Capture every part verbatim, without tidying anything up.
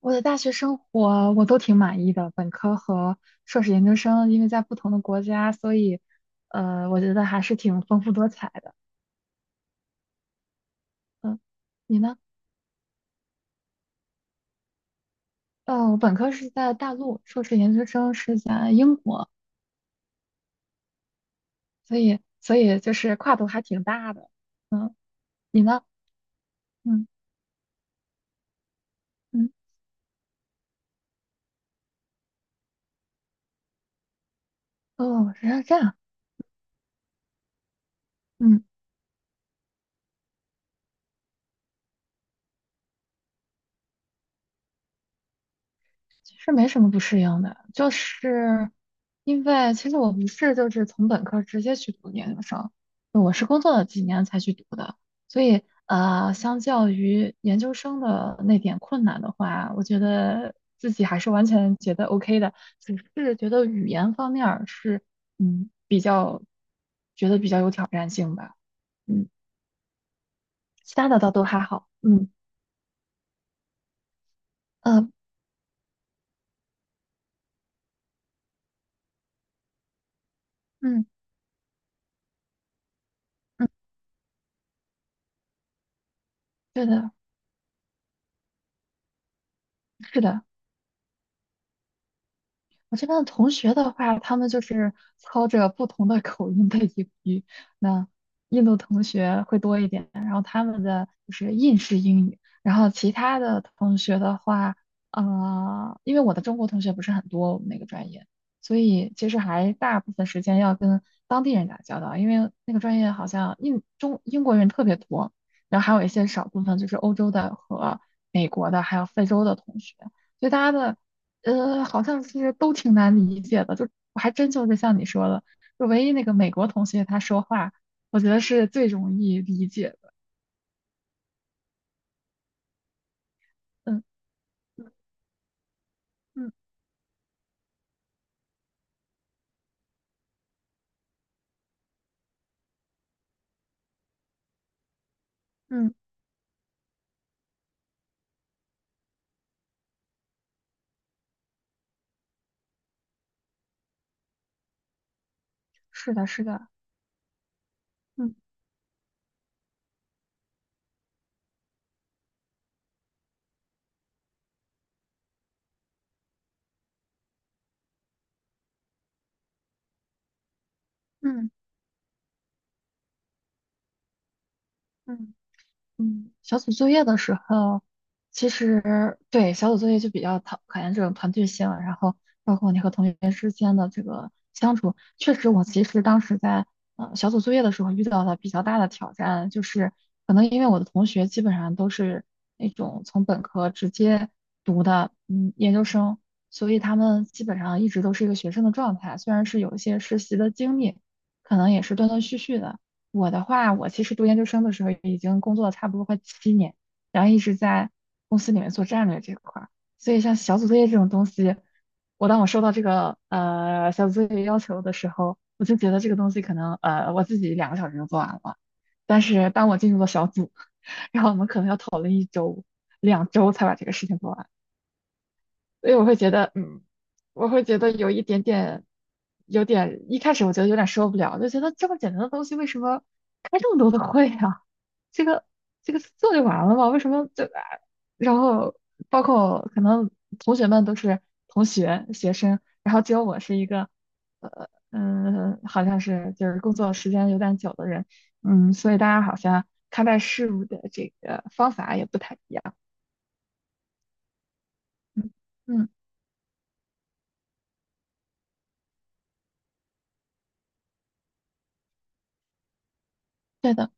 我的大学生活我都挺满意的，本科和硕士研究生，因为在不同的国家，所以呃，我觉得还是挺丰富多彩的。嗯，你呢？呃，我本科是在大陆，硕士研究生是在英国，所以所以就是跨度还挺大的。你呢？嗯嗯，哦，原来是这样。嗯。是没什么不适应的，就是因为其实我不是就是从本科直接去读研究生，我是工作了几年才去读的，所以呃，相较于研究生的那点困难的话，我觉得自己还是完全觉得 OK 的，只是觉得语言方面儿是嗯比较觉得比较有挑战性吧，嗯，其他的倒都还好，嗯呃嗯嗯，对的，是的。我这边的同学的话，他们就是操着不同的口音的英语。那印度同学会多一点，然后他们的就是印式英语。然后其他的同学的话，呃，因为我的中国同学不是很多，我们那个专业，所以其实还大部分时间要跟当地人打交道，因为那个专业好像印中英国人特别多，然后还有一些少部分就是欧洲的和美国的，还有非洲的同学。所以大家的呃，好像是都挺难理解的，就我还真就是像你说的，就唯一那个美国同学他说话，我觉得是最容易理解的。嗯嗯嗯嗯，是的，是的，嗯嗯嗯。嗯，小组作业的时候，其实对小组作业就比较讨考验这种团队性啊，然后包括你和同学之间的这个相处。确实，我其实当时在呃小组作业的时候遇到的比较大的挑战，就是可能因为我的同学基本上都是那种从本科直接读的嗯研究生，所以他们基本上一直都是一个学生的状态，虽然是有一些实习的经历，可能也是断断续续的。我的话，我其实读研究生的时候已经工作了差不多快七年，然后一直在公司里面做战略这块儿，所以像小组作业这种东西，我当我收到这个呃小组作业要求的时候，我就觉得这个东西可能呃我自己两个小时就做完了，但是当我进入了小组，然后我们可能要讨论一周、两周才把这个事情做完。所以我会觉得，嗯，我会觉得有一点点，有点，一开始我觉得有点受不了，就觉得这么简单的东西为什么开这么多的会啊？这个这个做就完了嘛？为什么就啊？然后包括可能同学们都是同学学生，然后只有我是一个，呃嗯，好像是就是工作时间有点久的人，嗯，所以大家好像看待事物的这个方法也不太一样，嗯嗯，对的，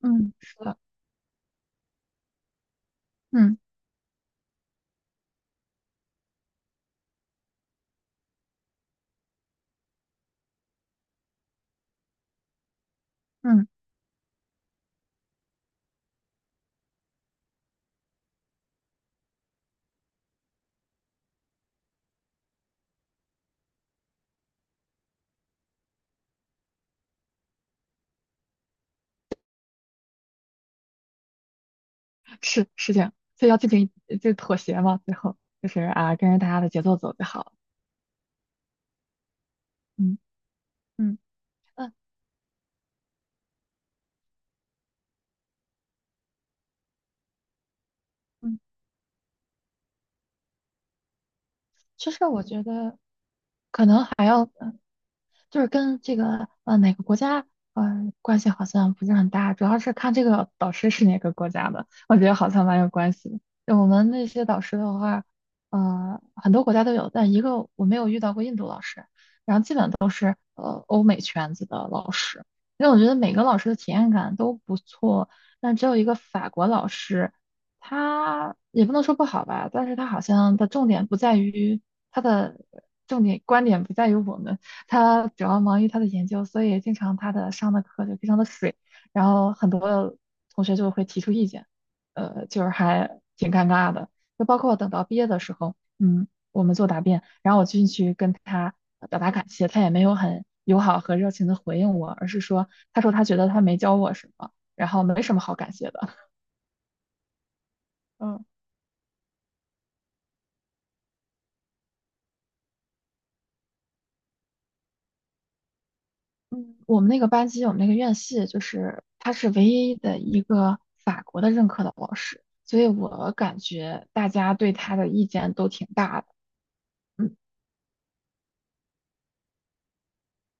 嗯，是的。嗯。嗯，是是这样，所以要进行就妥协嘛，最后就是啊，跟着大家的节奏走就好了。嗯嗯嗯嗯，其实我觉得可能还要，嗯，就是跟这个呃哪个国家呃关系好像不是很大，主要是看这个导师是哪个国家的，我觉得好像蛮有关系的。就我们那些导师的话，呃，很多国家都有，但一个我没有遇到过印度老师。呃欧美圈子的老师，因为我觉得每个老师的体验感都不错，但只有一个法国老师，他也不能说不好吧，但是他好像的重点不在于他的重点观点不在于我们，他主要忙于他的研究，所以经常他的上的课就非常的水，然后很多同学就会提出意见，呃，就是还挺尴尬的，就包括等到毕业的时候，嗯。我们做答辩，然后我进去跟他表达感谢，他也没有很友好和热情的回应我，而是说，他说他觉得他没教我什么，然后没什么好感谢的。嗯嗯，我们那个班级，我们那个院系，就是他是唯一的一个法国的任课的老师，所以我感觉大家对他的意见都挺大的。嗯，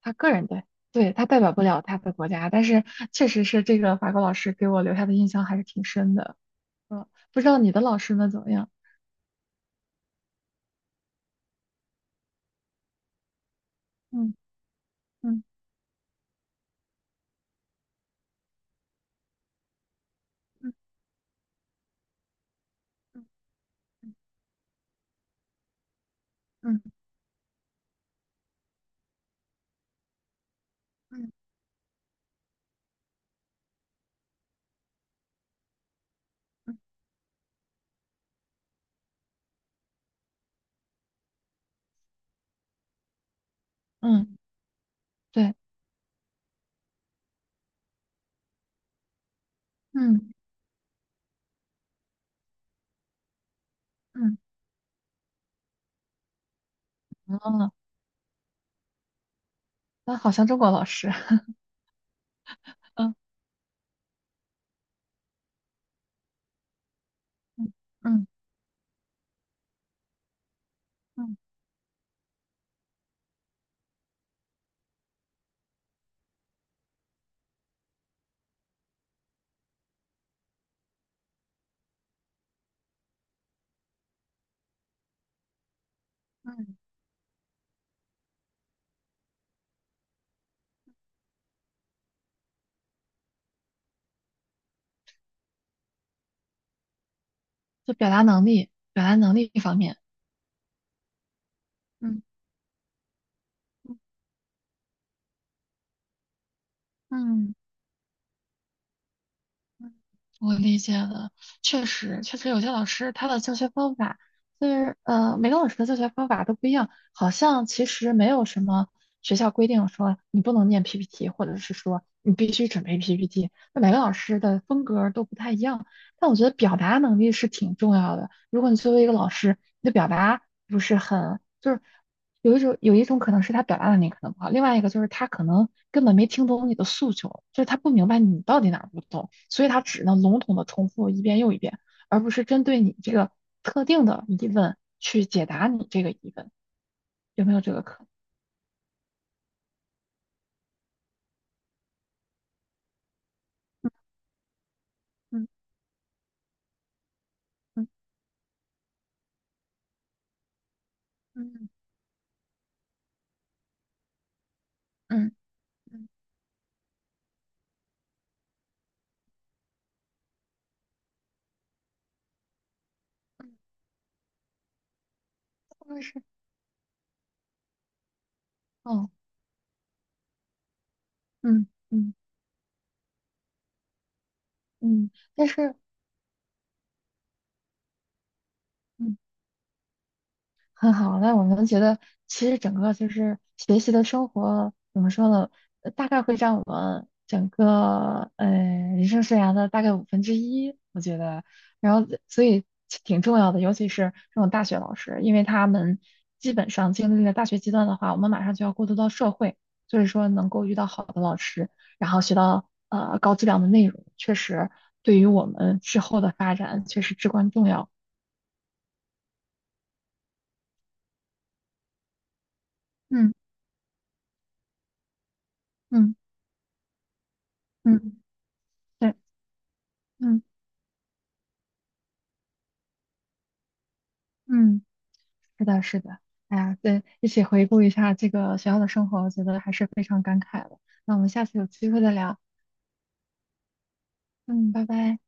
他个人的，对，他代表不了他的国家，但是确实是这个法国老师给我留下的印象还是挺深的。嗯，不知道你的老师们怎么样？嗯嗯。嗯嗯嗯嗯嗯，对，嗯嗯，哦，那好像中国老师，嗯嗯嗯嗯嗯，就表达能力，表达能力方面，嗯嗯。我理解了，确实，确实有些老师他的教学方法，就是呃，每个老师的教学方法都不一样，好像其实没有什么学校规定说你不能念 P P T，或者是说你必须准备 P P T，那每个老师的风格都不太一样。但我觉得表达能力是挺重要的，如果你作为一个老师，你的表达不是很，就是。有一种有一种可能是他表达能力可能不好，另外一个就是他可能根本没听懂你的诉求，就是他不明白你到底哪儿不懂，所以他只能笼统的重复一遍又一遍，而不是针对你这个特定的疑问去解答你这个疑问，有没有这个可能？嗯嗯嗯嗯嗯嗯，但是，哦嗯嗯嗯但是。嗯。很好，那我们觉得其实整个就是学习的生活怎么说呢？呃大概会占我们整个呃人生生涯的大概五分之一，我觉得。然后所以其挺重要的，尤其是这种大学老师，因为他们基本上经历了大学阶段的话，我们马上就要过渡到社会，所以说能够遇到好的老师，然后学到呃高质量的内容，确实对于我们之后的发展确实至关重要。嗯嗯嗯，对。嗯。嗯，是的，是的，哎呀，对，一起回顾一下这个学校的生活，我觉得还是非常感慨的。那我们下次有机会再聊，嗯，拜拜。